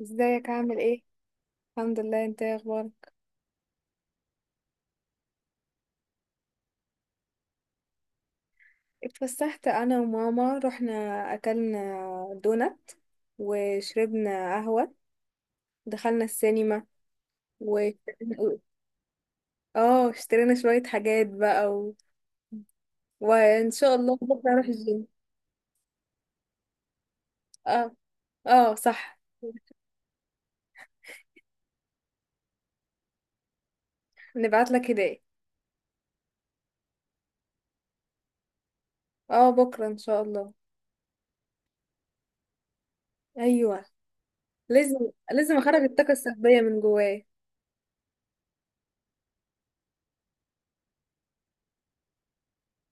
ازيك؟ عامل ايه؟ الحمد لله. انت ايه اخبارك؟ اتفسحت انا وماما. رحنا اكلنا دونات وشربنا قهوة، دخلنا السينما و اه اشترينا شوية حاجات بقى وان شاء الله بكرة اروح الجيم. اه. اه صح. نبعت لك هدايا. اه بكرة ان شاء الله. ايوه. لازم. لازم اخرج الطاقة السلبية من جوايا.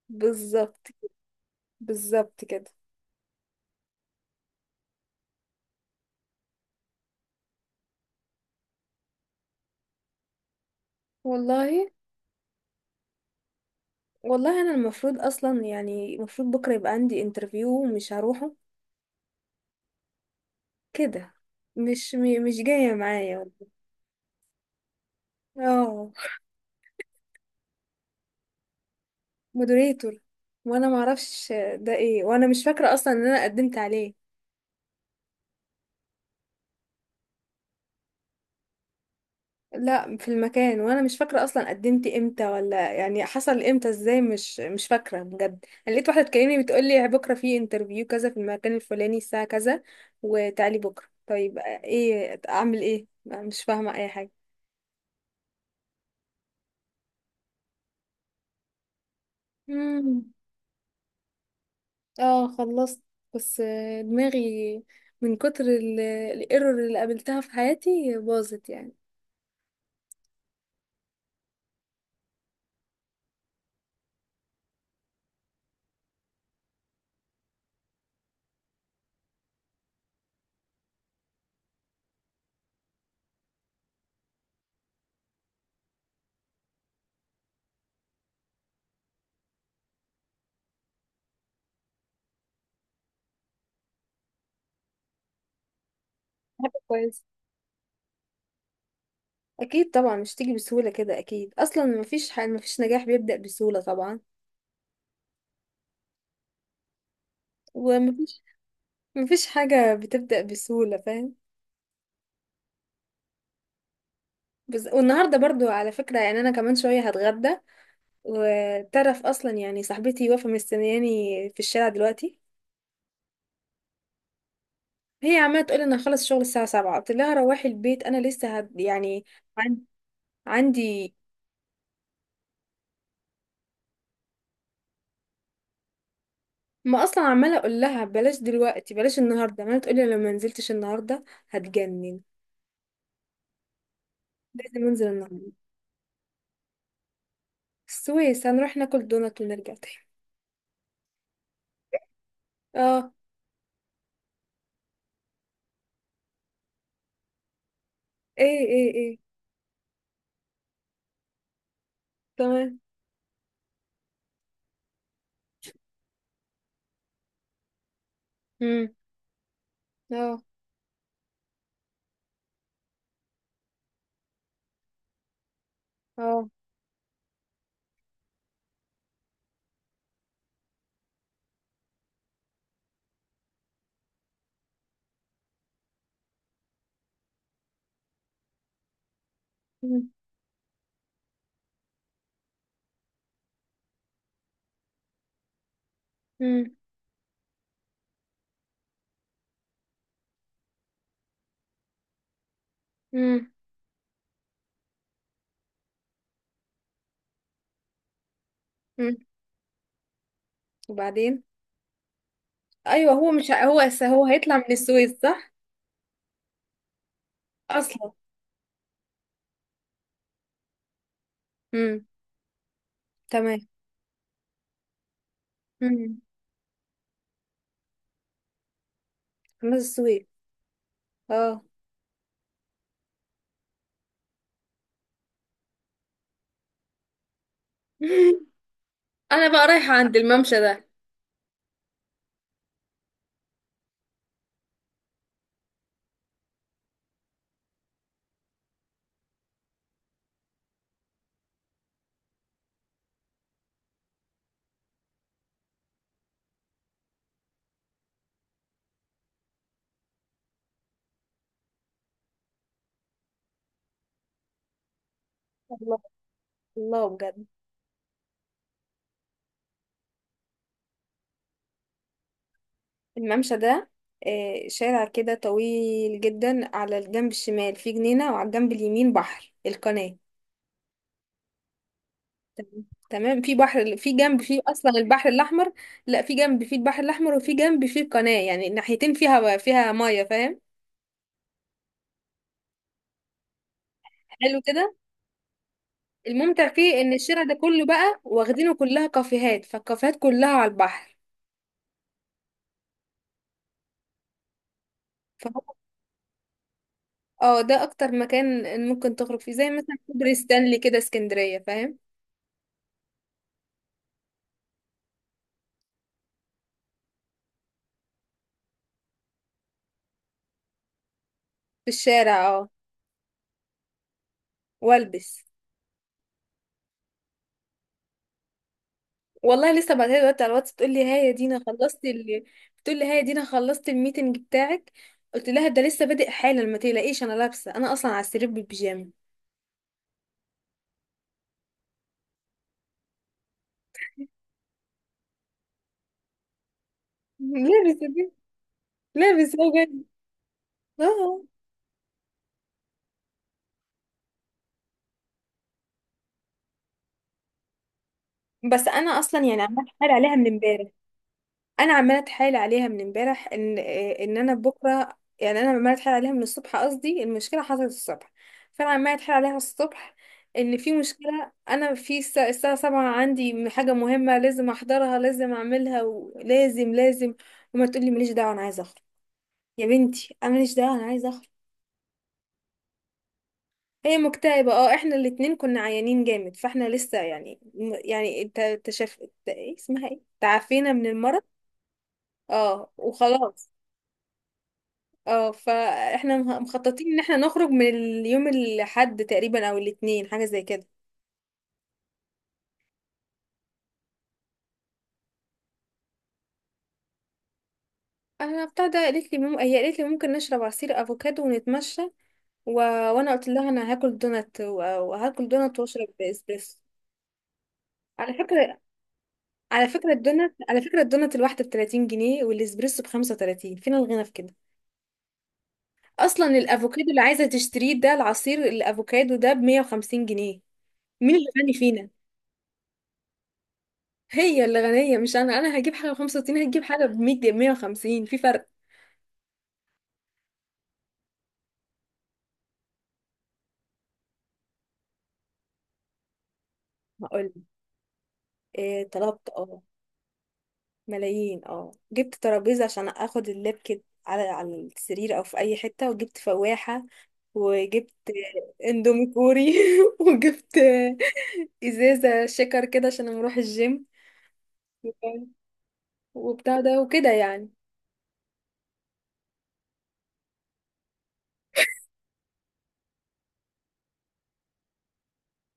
بالظبط. بالظبط كده. والله. والله انا المفروض اصلا، يعني المفروض بكره يبقى عندي انترفيو ومش هروحه كده. مش جايه معايا. اه. مودريتور. وانا ما اعرفش ده ايه، وانا مش فاكره اصلا ان انا قدمت عليه. لا، في المكان، وانا مش فاكره اصلا قدمت امتى ولا يعني حصل امتى ازاي. مش فاكره بجد. انا لقيت واحده تكلمني بتقول لي بكره في انترفيو كذا في المكان الفلاني الساعه كذا، وتعالي بكره. طيب ايه؟ اعمل ايه؟ مش فاهمه اي حاجه. مم. اه خلصت. بس دماغي من كتر الايرور اللي قابلتها في حياتي باظت يعني. كويس. اكيد طبعا مش تيجي بسهوله كده، اكيد. اصلا مفيش نجاح بيبدا بسهوله طبعا. ومفيش. مفيش حاجه بتبدا بسهوله، فاهم؟ بس والنهارده برضو على فكره، يعني انا كمان شويه هتغدى. وتعرف اصلا يعني صاحبتي واقفه مستنياني في الشارع دلوقتي. هي عماله تقول انا هخلص شغل الساعه 7، قلت لها روحي البيت انا يعني. عن- عندي. ما اصلا عماله اقول لها بلاش دلوقتي، بلاش النهارده. ما تقولي لو ما نزلتش النهارده هتجنن. لازم انزل النهارده. السويس، هنروح ناكل دونات ونرجع تاني. اه. ايه ايه ايه؟ تمام. امم. اه. اه. امم. امم. امم. أمم. وبعدين؟ ايوه. هو مش ه- هو س- هو هيطلع من السويس، صح؟ اصلا. امم. تمام. امم. خلاص، السويس. اه. انا بقى رايحه عند الممشى ده. الله. الله بجد. الممشى ده شارع كده طويل جدا، على الجنب الشمال فيه جنينة وعلى الجنب اليمين بحر القناة. تمام. تمام. في بحر، في جنب فيه اصلا البحر الاحمر. لا، في جنب فيه البحر الاحمر وفي جنب فيه القناة، يعني الناحيتين فيها. فيها مية، فاهم؟ حلو كده. الممتع فيه ان الشارع ده كله بقى واخدينه كلها كافيهات، فالكافيهات كلها على البحر. فهو، اه، ده اكتر مكان ممكن تخرج فيه، زي مثلا كوبري ستانلي كده اسكندرية، فاهم؟ في الشارع، اه. والبس. والله لسه بعتها لي دلوقتي على الواتس، بتقول لي ها يا دينا خلصت بتقول لي ها يا دينا خلصت الميتنج بتاعك. قلت لها ده لسه بادئ حالا، ما تقلقيش انا لابسه، انا اصلا على السرير بالبيجامه. لابسه دي. لابسه بجد. اه. بس انا اصلا يعني عمال حال عليها من امبارح. انا عماله اتحايل عليها من امبارح ان انا بكره، يعني انا عماله اتحايل عليها من الصبح. قصدي المشكله حصلت الصبح، فانا عماله اتحايل عليها الصبح ان في مشكله، انا في الساعه 7 عندي حاجه مهمه لازم احضرها، لازم اعملها، ولازم. لازم. وما تقولي ماليش دعوه انا عايزه اخرج. يا بنتي انا ماليش دعوه انا عايزه اخرج. هي مكتئبه، اه. احنا الاتنين كنا عيانين جامد، فاحنا لسه يعني، يعني انت تشاف ايه اسمها، ايه، تعافينا من المرض. اه وخلاص. اه فاحنا مخططين ان احنا نخرج من اليوم الاحد تقريبا او الاثنين، حاجه زي كده. انا بتاع ده، قالت لي هي قالت لي ممكن نشرب عصير افوكادو ونتمشى و... وانا قلت لها انا هاكل دونات وهاكل دونات واشرب اسبريسو. على فكره. على فكره الدونات، على فكره الدونات الواحده ب 30 جنيه والاسبريسو ب 35، فين الغنى في كده؟ اصلا الافوكادو اللي عايزه تشتريه ده، العصير الافوكادو ده ب 150 جنيه. مين اللي غني فينا؟ هي اللي غنية مش أنا. أنا هجيب حاجة ب 65، هتجيب حاجة بمية وخمسين، في فرق. هقول إيه؟ طلبت، اه. ملايين، اه. جبت ترابيزة عشان اخد اللاب كده على السرير او في اي حتة، وجبت فواحة، وجبت اندومي كوري وجبت ازازة شكر كده عشان أنا اروح الجيم، وبتاع ده، وكده يعني.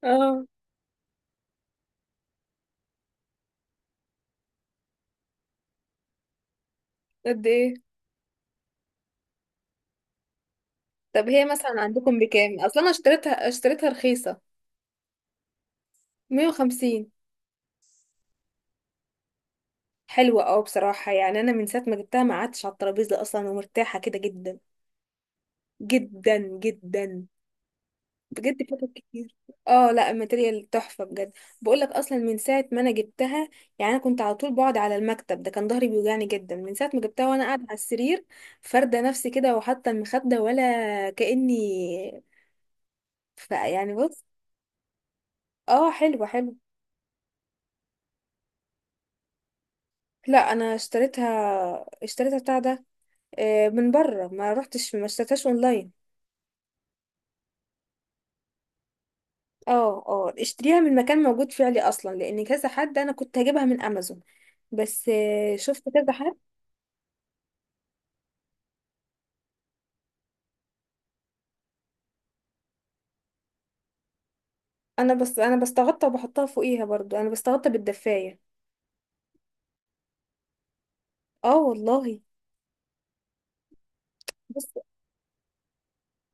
اه. قد ايه؟ طب هي مثلا عندكم بكام؟ اصلا انا اشتريتها، اشتريتها رخيصة. 150. حلوة، اه. بصراحة يعني أنا من ساعة ما جبتها ما قعدتش على الترابيزة أصلا، ومرتاحة كده جدا. جدا جدا. بجد، فاتت كتير. اه لا، الماتيريال تحفة بجد. بقولك أصلا من ساعة ما أنا جبتها، يعني أنا كنت على طول بقعد على المكتب ده، كان ظهري بيوجعني جدا. من ساعة ما جبتها وأنا قاعدة على السرير فاردة نفسي كده، وحاطة المخدة، ولا كأني. ف يعني بص. اه، حلوة حلوة. لا أنا اشتريتها، اشتريتها بتاع ده، من بره، ما رحتش، ما اشتريتهاش اونلاين. اه. اه اشتريها من مكان موجود فعلي اصلا، لان كذا حد انا كنت هجيبها من امازون، بس شفت كذا حد. انا بس. انا بستغطى وبحطها فوقيها برضو، انا بستغطى بالدفاية. اه والله. بس.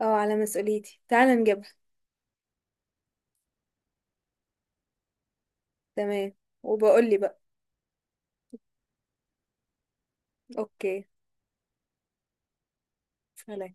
اه على مسؤوليتي، تعالى نجيبها. تمام. وبقول لي بقى. اوكي. سلام.